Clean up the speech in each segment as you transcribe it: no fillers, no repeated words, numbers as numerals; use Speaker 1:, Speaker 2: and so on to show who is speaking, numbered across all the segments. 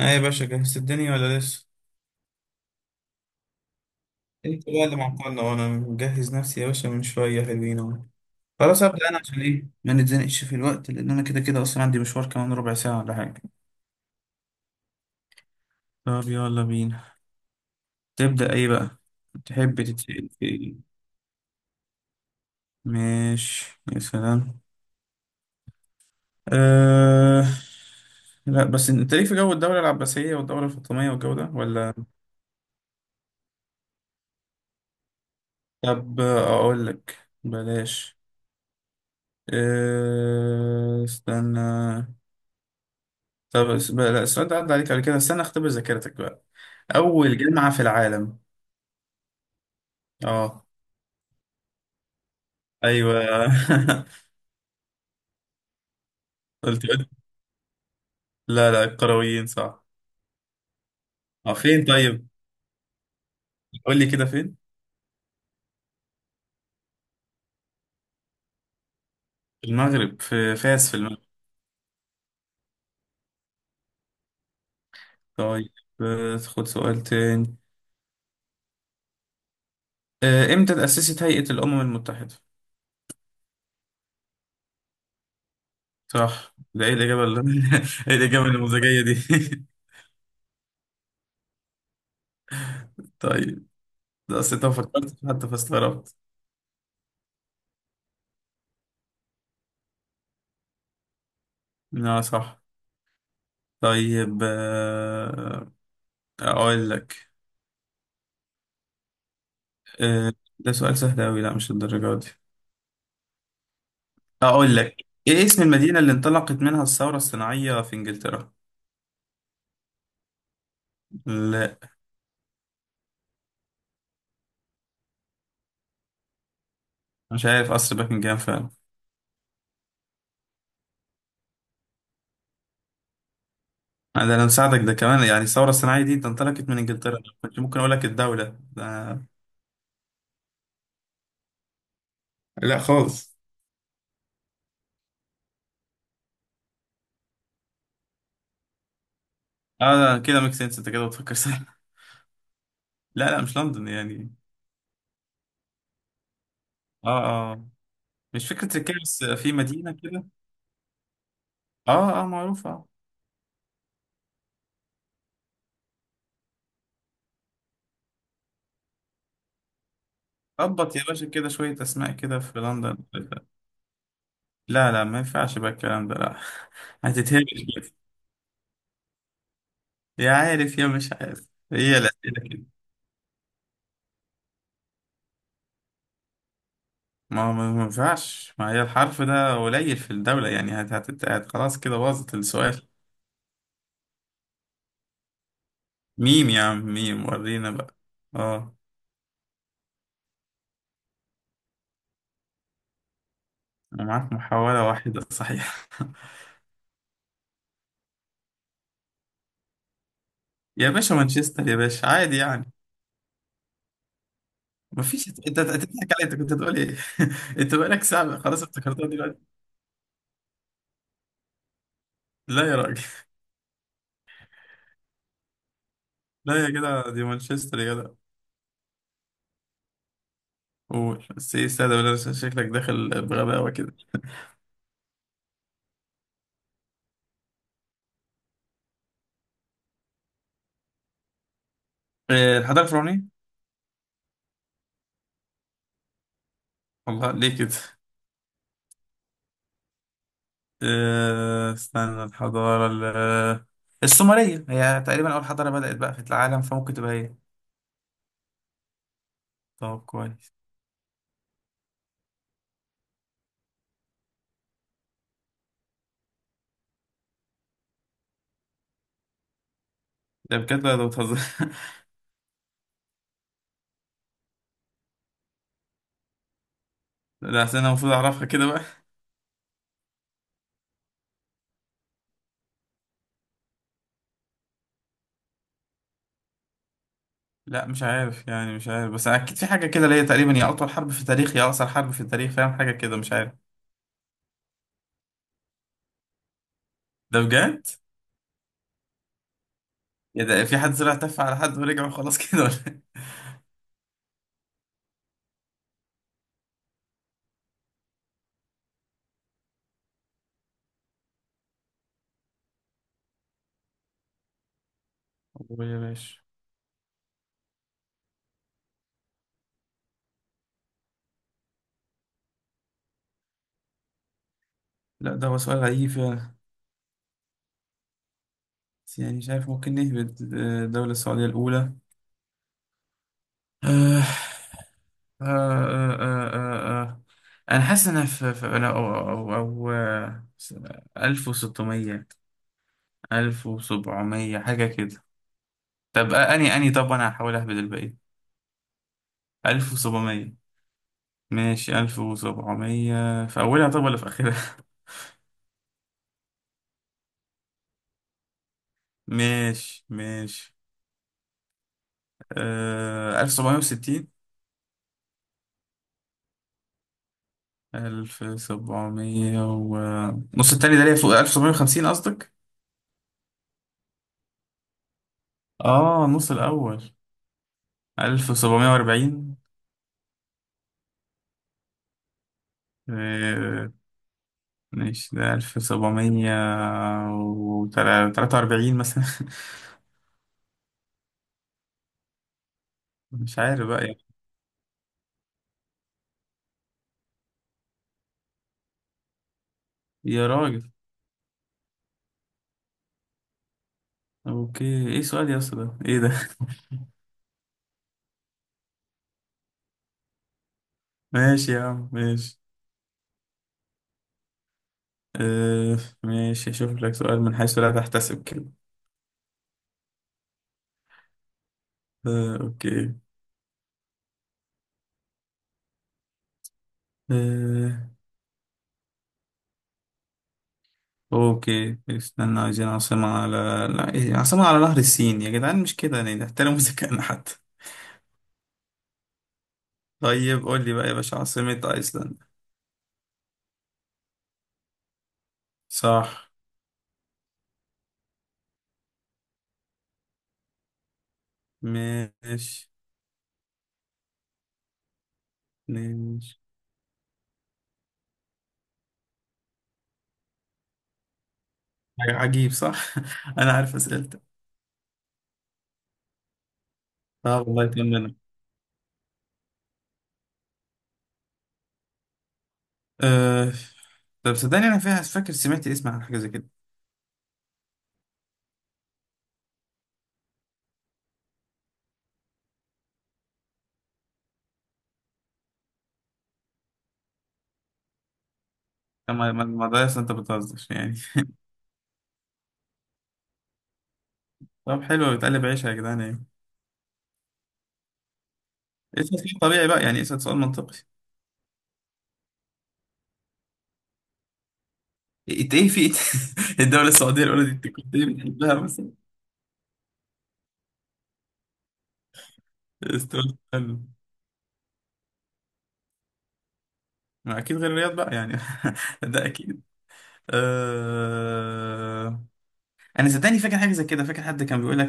Speaker 1: اه يا باشا، جهزت الدنيا ولا لسه؟ انت بقى اللي إيه؟ معطلنا وانا مجهز نفسي يا باشا من شوية، حلوين اهو. خلاص ابدأ انا عشان ايه ما نتزنقش في الوقت، لان انا كده كده اصلا عندي مشوار كمان ربع ساعة ولا حاجة. طب يلا بينا. تبدأ ايه بقى؟ تحب تتسأل في ايه؟ ماشي يا سلام. أه... لا بس انت ليك في جو الدولة العباسية والدولة الفاطمية والجو ده ولا؟ طب اقول لك. بلاش. استنى. لا، السؤال ده عدى عليك قبل كده، استنى اختبر ذاكرتك بقى. أول جامعة في العالم. اه. أيوه. قلت قلت- لا لا، القرويين صح. اه، فين طيب؟ قول لي كده، فين؟ في المغرب، في فاس، في المغرب. طيب، خد سؤال تاني. امتى تأسست هيئة الأمم المتحدة؟ صح، ده ايه الإجابة اللي ايه الإجابة النموذجية دي؟ طيب، ده أصل أنت ما فكرتش حتى فاستغربت. اه صح. طيب، أقول لك. آه، ده سؤال سهل أوي، لا مش الدرجة دي. أقول لك إيه اسم المدينة اللي انطلقت منها الثورة الصناعية في إنجلترا؟ لا مش عارف، قصر باكنجهام فعلا. ده أنا مساعدك ده كمان، يعني الثورة الصناعية دي ده انطلقت من إنجلترا، أنا كنت ممكن أقول لك الدولة ده. لا خالص. آه ده كده ميك سنس، أنت كده بتفكر صح. لا لا، مش لندن يعني. آه آه مش فكرة تركيا، بس في مدينة كده. معروفة. خبط يا باشا كده شوية أسماء كده في لندن. لا لا، ما ينفعش بقى الكلام ده، لا. هتتهبل. يا عارف يا مش عارف، هي الأسئلة كده. ما هو ما ينفعش، ما هي الحرف ده قليل في الدولة يعني، هت هت هت خلاص كده باظت السؤال. ميم يا عم، ميم، ورينا بقى. اه. انا معاك محاولة واحدة صحيح. يا باشا مانشستر يا باشا، عادي يعني. ما فيش، انت أنت تضحك علي، انت كنت هتقول ايه؟ انت بقالك ساعة بقى، خلاص افتكرتها دلوقتي. لا يا راجل. لا يا جدع، دي مانشستر يا جدع. قول بس، ايه استاذ؟ شكلك داخل بغباوة كده. إيه، الحضارة الفرعونية. والله ليه كده؟ استنى، السومرية هي تقريبا أول حضارة بدأت بقى في العالم، فممكن تبقى هي. طب كويس. ده بجد ولا ده بتهزر؟ لا أصل أنا المفروض أعرفها كده بقى. لا مش عارف يعني، مش عارف، بس أكيد في حاجة كده اللي هي تقريبا يا أطول حرب في التاريخ يا أقصر حرب في التاريخ، فاهم حاجة كده، مش عارف. ده بجد؟ يا ده في حد طلع تف على حد ورجع وخلاص كده ولا إيه؟ والله يا باشا، لا ده هو سؤال غريب فعلا، بس يعني مش عارف ممكن نهبط. الدولة السعودية الأولى. آه آه آه آه آه. أنا حاسس إن أنا أنا أو أو أو 1600، 1700 حاجة كده. طب أني أني طب أنا هحاول أهبد الباقي. 1700، ماشي، 1700 في أولها طب ولا في آخرها؟ ماشي ماشي. آه، 1760. ألف سبعمية و نص التاني ده ليه؟ فوق 1750 50 قصدك؟ آه، نص الأول. 1740. آه، ماشي، ده 1743 43 مثلا. مش عارف بقى يا راجل. أوكي، إيه سؤال يا اسطى؟ ده إيه ده؟ ماشي يا عم ماشي. آه ماشي، أشوف لك سؤال من حيث لا تحتسب كده. آه أوكي. آه أوكي، استنى، عايزين عاصمة على، لا إيه عاصمة على نهر السين يا جدعان، مش كده يعني، نحترم ذكائنا حتى. طيب قول لي بقى يا باشا، عاصمة أيسلندا. صح. ماشي ماشي. عجيب صح، انا عارف اسئلتك. اه والله تمام. أه... طب صدقني انا فيها، فاكر سمعت اسم عن حاجه زي كده. اما ما ما ما ده اصلا انت بتهزر يعني. طب حلو، بتقلب عيشها يا جدعان يعني. اسال سؤال طبيعي بقى يعني، اسال سؤال منطقي. انت ايه في الدوله السعوديه الاولى دي، انت كنت ايه بتحبها مثلا؟ استقلال حلو. ما اكيد غير الرياض بقى يعني، ده اكيد. أه... انا صدقني فاكر حاجه زي كده، فاكر حد كان بيقول لك،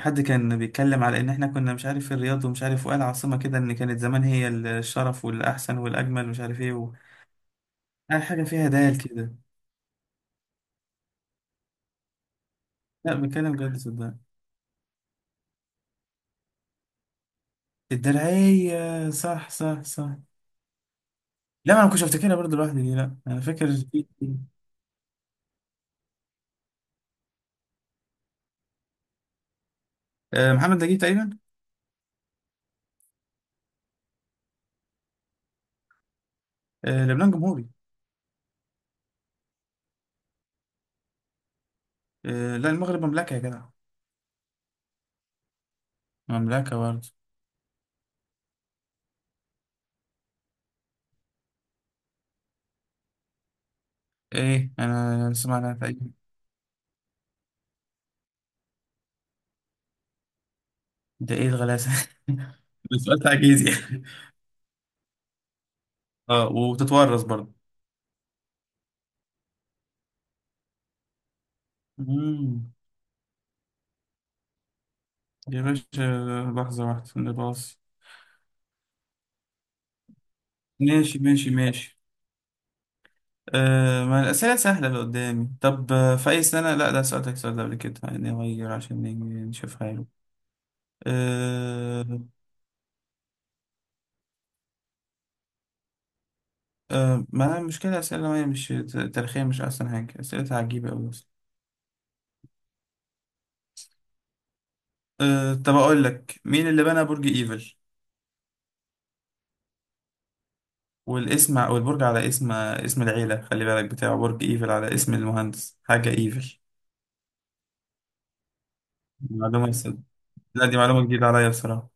Speaker 1: حد كان بيتكلم على ان احنا كنا مش عارف في الرياض ومش عارف، وقال عاصمة كده ان كانت زمان هي الشرف والاحسن والاجمل، مش عارف ايه و قال حاجة فيها دال كده. لا بتكلم بجد صدقني. الدرعية، صح صح صح. لا، ما انا كنتش افتكرها برضه لوحدي دي، لا انا فاكر محمد نجيب تقريبا. لبنان جمهوري. لا المغرب مملكة يا جدع. مملكة برضه. ايه، انا سمعنا تقريبا. ده ايه الغلاسة؟ ده سؤال تعجيزي. اه، وتتورث برضه. مم. يا باشا لحظة واحدة نباص. ماشي ماشي ماشي. آه، ما الأسئلة سهلة اللي قدامي. طب في أي سنة، لا ده سألتك السؤال ده قبل كده يعني، نغير عشان نيجي نشوف حاله. آه. آه، ما المشكلة، أسئلة ما هي مش تاريخية؟ مش أحسن حاجة؟ أسئلتها عجيبة أوي أصلا. آه طب أقول لك مين اللي بنى برج إيفل؟ والبرج على اسم، اسم العيلة، خلي بالك بتاعه، برج إيفل على اسم المهندس، حاجة إيفل. معلومة؟ لا دي معلومة جديدة عليا بصراحة.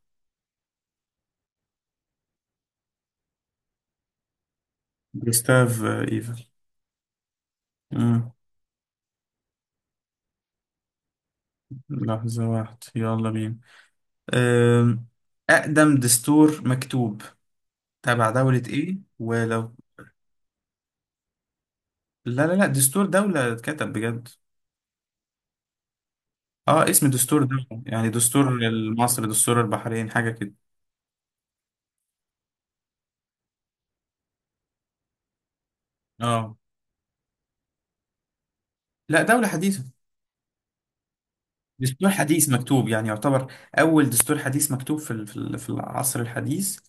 Speaker 1: جوستاف إيفل. آه. لحظة واحدة يلا بينا. آم، أقدم دستور مكتوب تبع دولة إيه ولو؟ لا لا لا، دستور دولة اتكتب بجد. اه، اسم دستور دولة، يعني دستور مصر، دستور البحرين، حاجة كده. اه، لا دولة حديثة. دستور حديث مكتوب، يعني يعتبر أول دستور حديث مكتوب في العصر الحديث.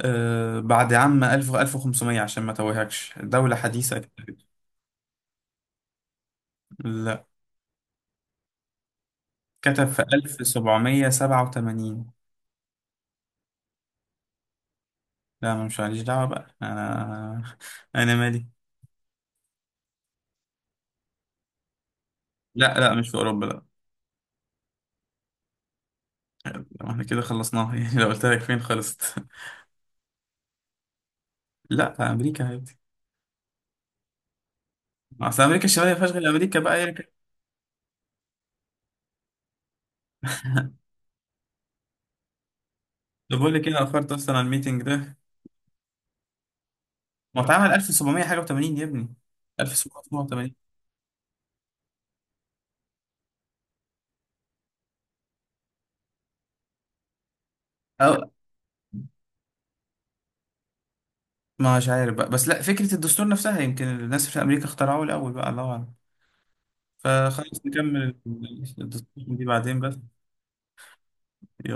Speaker 1: آه، بعد عام 1000، 1500، عشان ما توهكش دولة حديثة كتبت. لا كتب في 1787. لا، ما مش ماليش دعوة بقى أنا، أنا مالي. لا لا، مش في أوروبا، لا. ما احنا كده خلصناها، يعني لو قلت لك فين خلصت. لا، في أمريكا عادي. أصل أمريكا الشمالية ما فيهاش غير أمريكا بقى يعني. طب بقول لك إيه، أنا أخرت أصلا على الميتنج ده. ما اتعمل 1700 حاجة و80 يا ابني، 1780. أو ما مش عارف بقى، بس لا فكرة الدستور نفسها يمكن الناس في أمريكا اخترعوه الأول بقى، الله أعلم. فخلاص نكمل. الدستور دي بعدين بس.